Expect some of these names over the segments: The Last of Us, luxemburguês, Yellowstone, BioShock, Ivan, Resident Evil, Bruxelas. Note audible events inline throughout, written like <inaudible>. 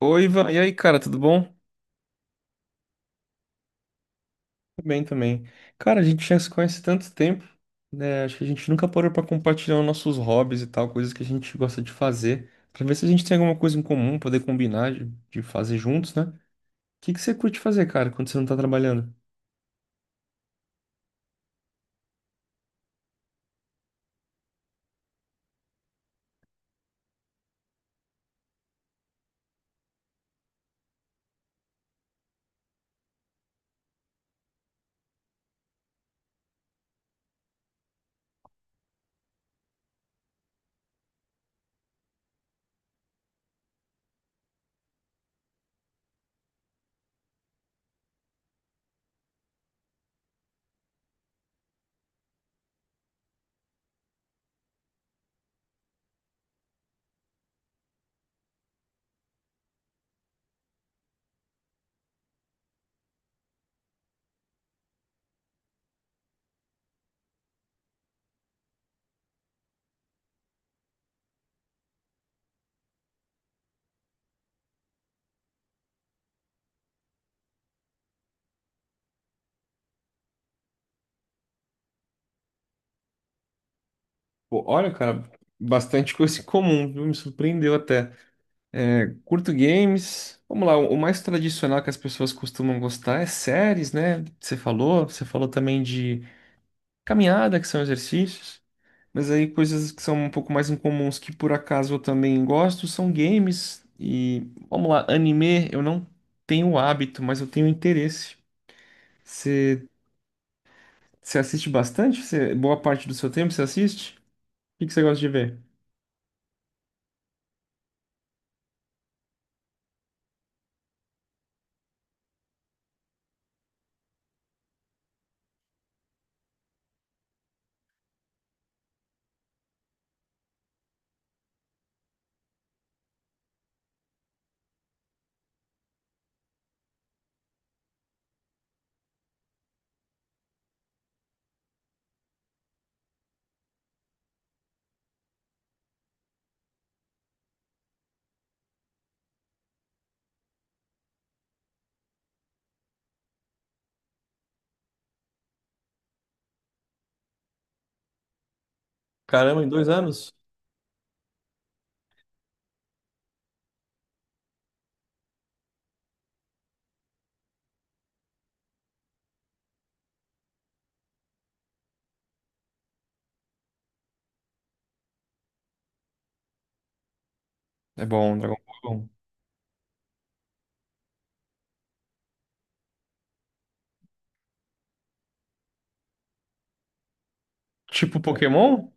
Oi, Ivan. E aí, cara, tudo bom? Tudo bem também. Cara, a gente já se conhece há tanto tempo, né? Acho que a gente nunca parou pra compartilhar os nossos hobbies e tal, coisas que a gente gosta de fazer, pra ver se a gente tem alguma coisa em comum, poder combinar de fazer juntos, né? O que que você curte fazer, cara, quando você não tá trabalhando? Pô, olha, cara, bastante <laughs> coisa em comum, viu? Me surpreendeu até. Curto games. Vamos lá, o mais tradicional que as pessoas costumam gostar é séries, né? Você falou também de caminhada, que são exercícios. Mas aí coisas que são um pouco mais incomuns que por acaso eu também gosto são games e vamos lá, anime eu não tenho hábito, mas eu tenho interesse. Você você assiste bastante? Você, boa parte do seu tempo você assiste? O que que você gosta de ver? Caramba, em dois anos? É bom, Dragon Ball é bom. Tipo Pokémon?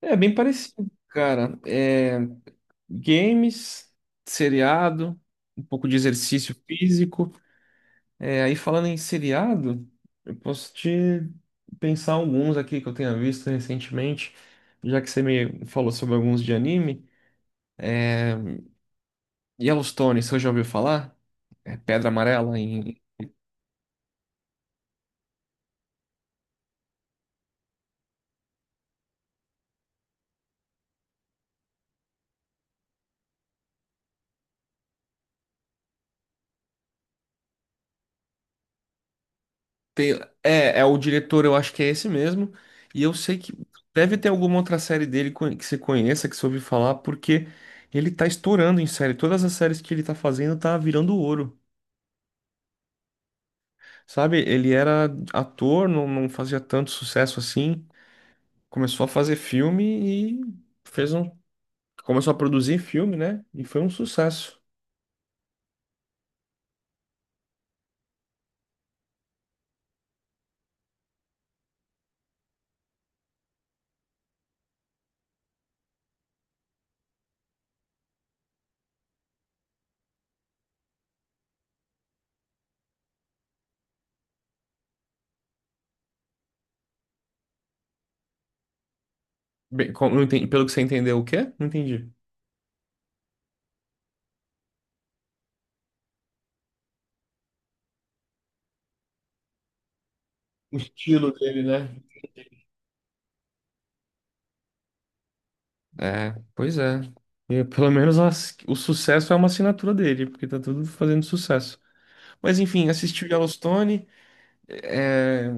É bem parecido, cara. É, games, seriado, um pouco de exercício físico. É, aí falando em seriado, eu posso te pensar alguns aqui que eu tenha visto recentemente, já que você me falou sobre alguns de anime. É, Yellowstone, você já ouviu falar? É Pedra Amarela em... É, é o diretor, eu acho que é esse mesmo. E eu sei que deve ter alguma outra série dele que você conheça, que você ouviu falar, porque ele tá estourando em série. Todas as séries que ele tá fazendo tá virando ouro. Sabe? Ele era ator, não fazia tanto sucesso assim. Começou a fazer filme e fez um. Começou a produzir filme, né? E foi um sucesso. Bem, não entendi- pelo que você entendeu, o quê? Não entendi. O estilo dele, né? É, pois é. E, pelo menos o sucesso é uma assinatura dele, porque tá tudo fazendo sucesso. Mas enfim, assisti o Yellowstone. É,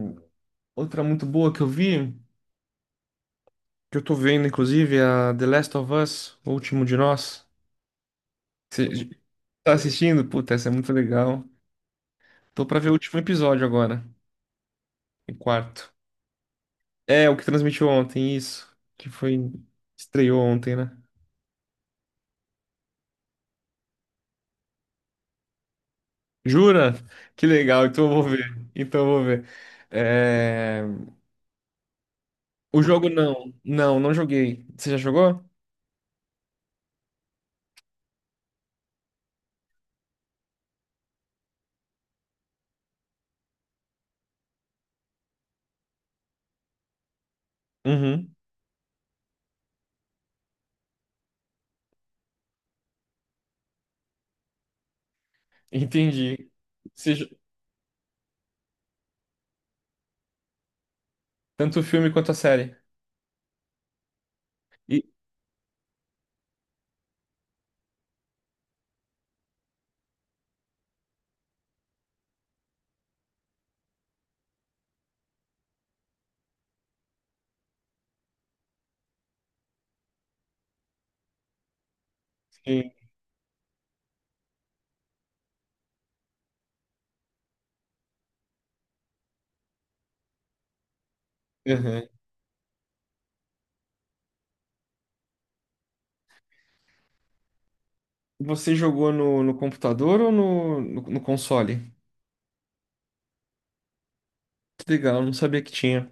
outra muito boa que eu vi, que eu tô vendo, inclusive, é a The Last of Us, O Último de Nós. Você tá assistindo? Puta, essa é muito legal. Tô pra ver o último episódio agora, o quarto. É, o que transmitiu ontem, isso. Que foi. Estreou ontem, né? Jura? Que legal, então eu vou ver. Então eu vou ver. É, o jogo não. Não joguei. Você já jogou? Uhum. Entendi. Você jo- Tanto o filme quanto a série. E... Sim. Uhum. Você jogou no computador ou no console? Que legal, eu não sabia que tinha.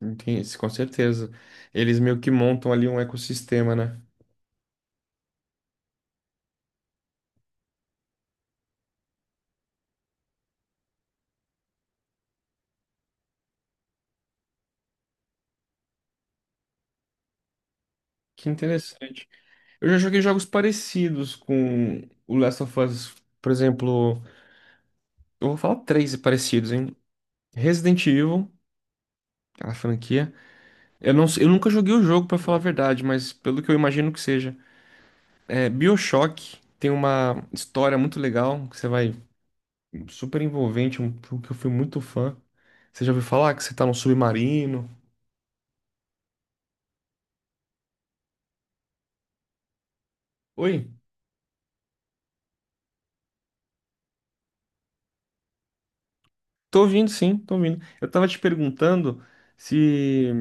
Entendi, com certeza. Eles meio que montam ali um ecossistema, né? Que interessante. Eu já joguei jogos parecidos com o Last of Us, por exemplo, eu vou falar três parecidos, hein? Resident Evil, aquela franquia. Eu não, sei- Eu nunca joguei o jogo, pra falar a verdade, mas pelo que eu imagino que seja. É, BioShock tem uma história muito legal, que você vai super envolvente, um jogo que eu fui muito fã. Você já ouviu falar que você tá num submarino? Oi? Tô ouvindo, sim, tô ouvindo. Eu tava te perguntando se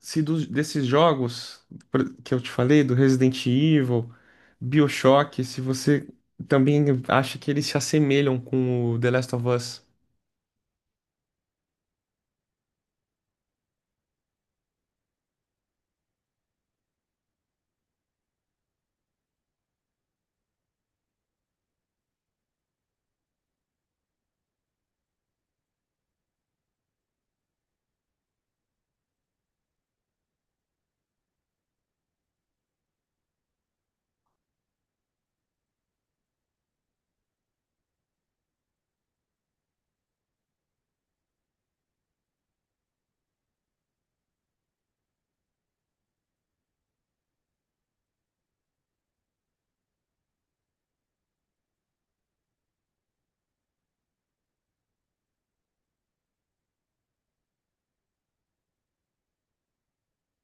se desses jogos que eu te falei, do Resident Evil, BioShock, se você também acha que eles se assemelham com o The Last of Us.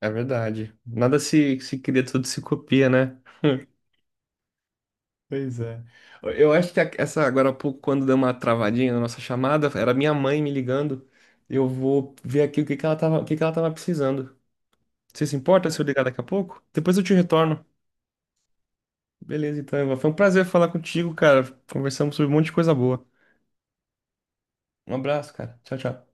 É verdade. Nada se cria, tudo se copia, né? Pois é. Eu acho que essa agora há pouco, quando deu uma travadinha na nossa chamada, era minha mãe me ligando. Eu vou ver aqui o que que ela tava, o que que ela tava precisando. Você se importa se eu ligar daqui a pouco? Depois eu te retorno. Beleza, então, Ivan. Foi um prazer falar contigo, cara. Conversamos sobre um monte de coisa boa. Um abraço, cara. Tchau, tchau.